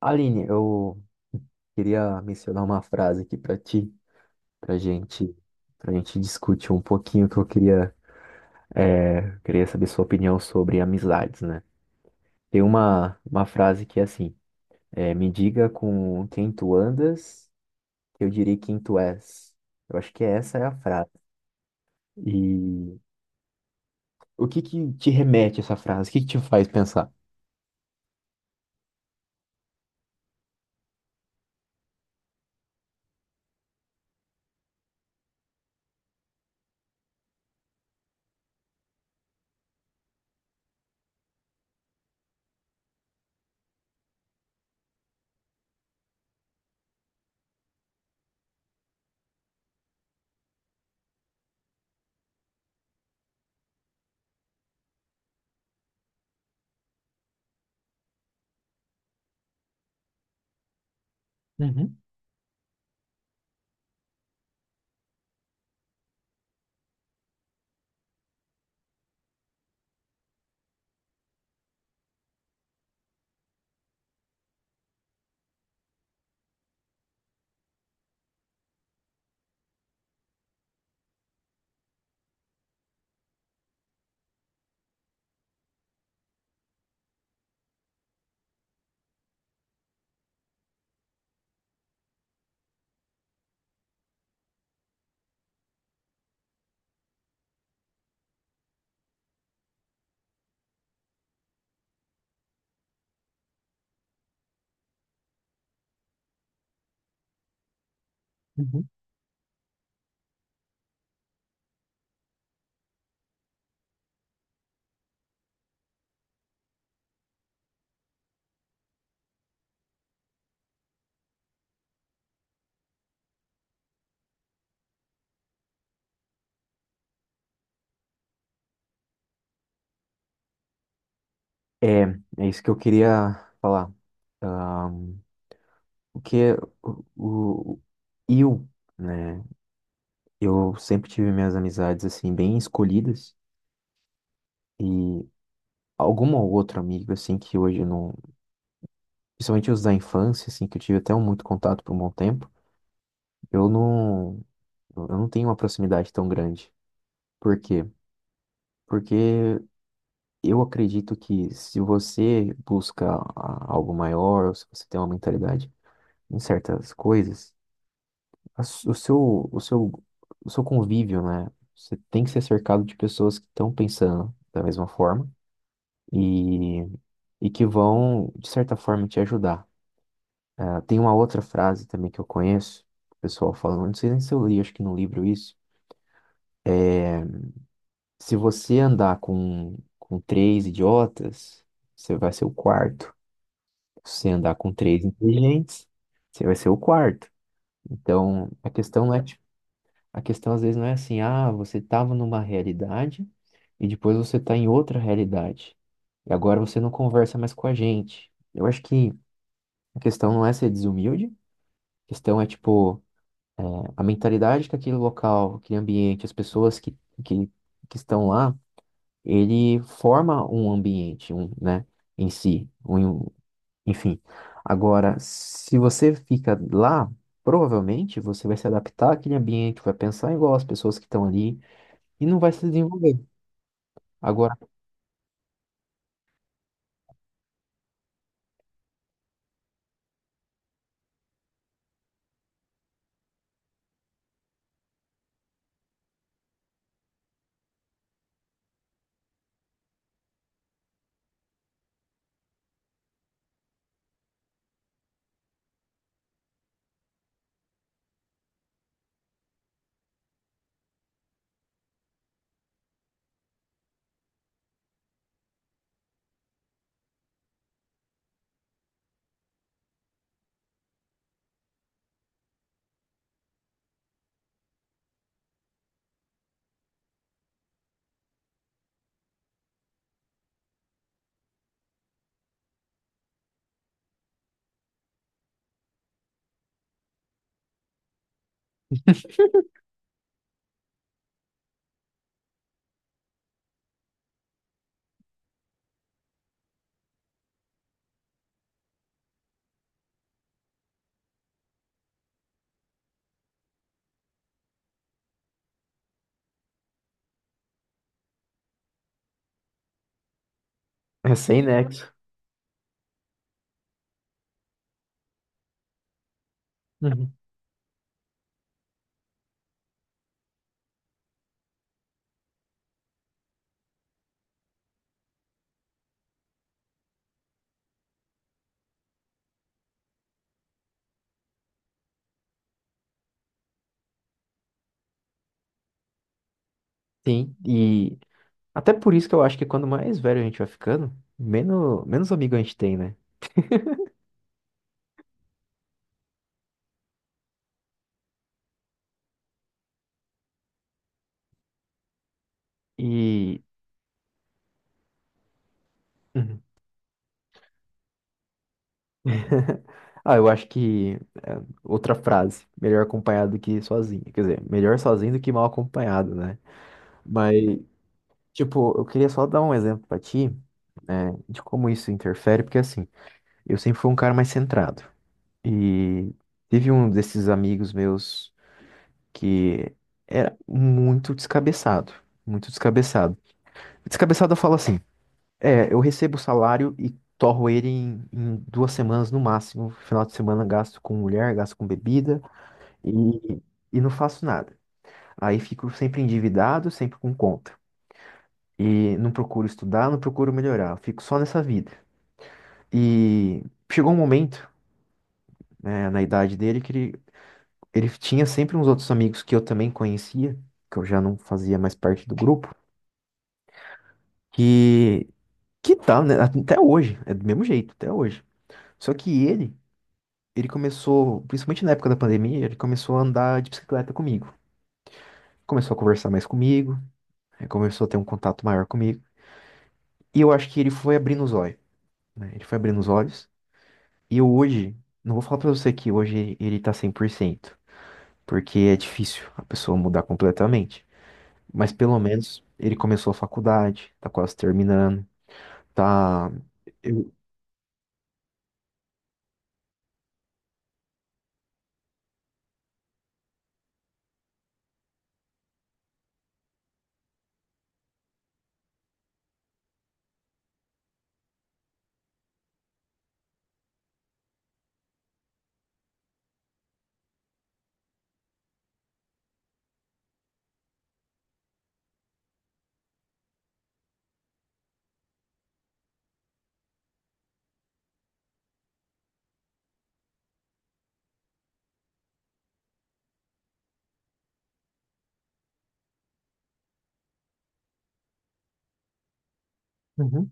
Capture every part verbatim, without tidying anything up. Aline, eu queria mencionar uma frase aqui para ti, para gente, para gente discutir um pouquinho que eu queria, é, queria saber sua opinião sobre amizades, né? Tem uma, uma frase que é assim, é, me diga com quem tu andas, que eu direi quem tu és. Eu acho que essa é a frase. E o que que te remete a essa frase? O que que te faz pensar? Uhum, uhum. É, é isso que eu queria falar. Ah, o que é o, o- eu, né? Eu sempre tive minhas amizades assim bem escolhidas e alguma ou outra amiga assim que hoje eu não, principalmente os da infância assim que eu tive até um muito contato por um bom tempo, eu não eu não tenho uma proximidade tão grande. Por quê? Porque eu acredito que se você busca a- algo maior, ou se você tem uma mentalidade em certas coisas, a su- o seu, o seu, o seu convívio, né? Você tem que ser cercado de pessoas que estão pensando da mesma forma e, e que vão, de certa forma, te ajudar. Ah, tem uma outra frase também que eu conheço, o pessoal falando, não sei nem se eu li, acho que no livro isso. Se você andar com, com três idiotas, você vai ser o quarto. Se você andar com três inteligentes, você vai ser o quarto. Então, a questão não é a questão às vezes não é assim, ah, você estava numa realidade e depois você está em outra realidade. E agora você não conversa mais com a gente. Eu acho que a questão não é ser desumilde, a questão é tipo a mentalidade que aquele local, aquele ambiente, as pessoas que, que, que estão lá, ele forma um ambiente, um, né, em si, um, enfim. Agora, se você fica lá, provavelmente você vai se adaptar àquele ambiente, vai pensar igual as pessoas que estão ali e não vai se desenvolver. Agora, é sem nexo. Uhum. Sim, e até por isso que eu acho que quando mais velho a gente vai ficando, menos, menos amigo a gente tem, né? E. Uhum. Ah, eu acho que. é, outra frase. Melhor acompanhado do que sozinho. Quer dizer, melhor sozinho do que mal acompanhado, né? Mas, tipo, eu queria só dar um exemplo pra ti, né, de como isso interfere, porque assim, eu sempre fui um cara mais centrado. E tive um desses amigos meus, que era muito descabeçado, muito descabeçado. Descabeçado eu falo assim, é, eu recebo o salário e torro ele em, em duas semanas no máximo, final de semana gasto com mulher, gasto com bebida e, e não faço nada. Aí fico sempre endividado, sempre com conta. E não procuro estudar, não procuro melhorar, eu fico só nessa vida. E chegou um momento, né, na idade dele que ele, ele tinha sempre uns outros amigos que eu também conhecia, que eu já não fazia mais parte do grupo, Que, que tá, né? Até hoje, é do mesmo jeito, até hoje. Só que ele, ele começou, principalmente na época da pandemia, ele começou a andar de bicicleta comigo. Começou a conversar mais comigo, eh, começou a ter um contato maior comigo. E eu acho que ele foi abrindo os olhos, né? Ele foi abrindo os olhos. E eu hoje, não vou falar pra você que hoje ele tá cem por cento porque é difícil a pessoa mudar completamente. Mas pelo menos ele começou a faculdade, tá quase terminando, tá. Eu... Uhum,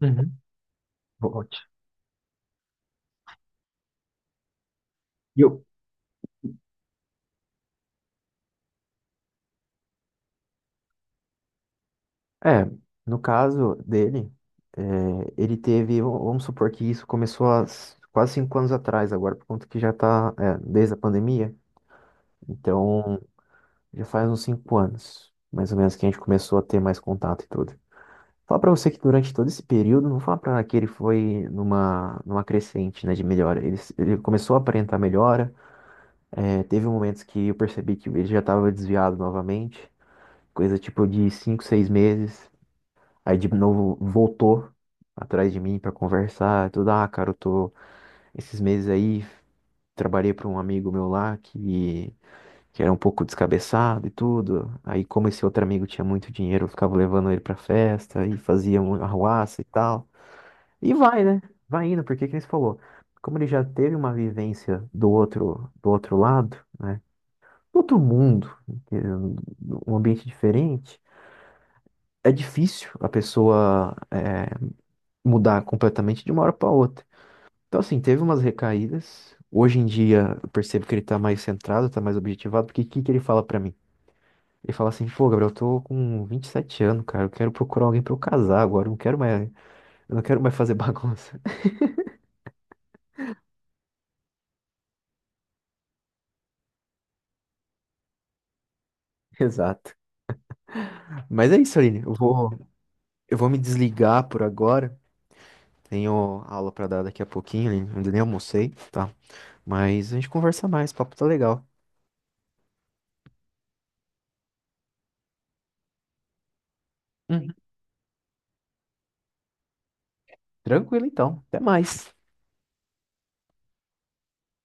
uhum. Ótimo. E eu, é, no caso dele, é, ele teve, vamos supor que isso começou há s- quase cinco anos atrás, agora por conta que já está, desde a pandemia, então já faz uns cinco anos, mais ou menos, que a gente começou a ter mais contato e tudo. Falar pra você que durante todo esse período, não falar pra que ele foi numa, numa crescente, né, de melhora. Ele, s- ele começou a aparentar melhora, é, teve momentos que eu percebi que ele já estava desviado novamente, coisa tipo de cinco, seis meses. Aí de novo voltou atrás de mim pra conversar, tudo, ah, cara, eu tô esses meses aí trabalhei para um amigo meu lá que, que era um pouco descabeçado e tudo. Aí como esse outro amigo tinha muito dinheiro, eu ficava levando ele pra festa e fazia um arruaça e tal. E vai, né? Vai indo, porque que nem você falou, como ele já teve uma vivência do outro do outro lado, né? Do outro mundo, eh, um ambiente diferente, é difícil a pessoa é, mudar completamente de uma hora para outra. Então, assim, teve umas recaídas. Hoje em dia, eu percebo que ele tá mais centrado, tá mais objetivado, porque o que que ele fala pra mim? Ele fala assim, pô, Gabriel, eu tô com vinte e sete anos, cara, eu quero procurar alguém pra eu casar agora, eu não quero mais, eu não quero mais fazer bagunça. Exato. Mas é isso, Aline, eu vou, eu vou me desligar por agora. Tenho aula pra dar daqui a pouquinho, Aline, ainda nem almocei, tá? Mas a gente conversa mais, o papo tá legal. Uhum. Tranquilo, então. Até mais.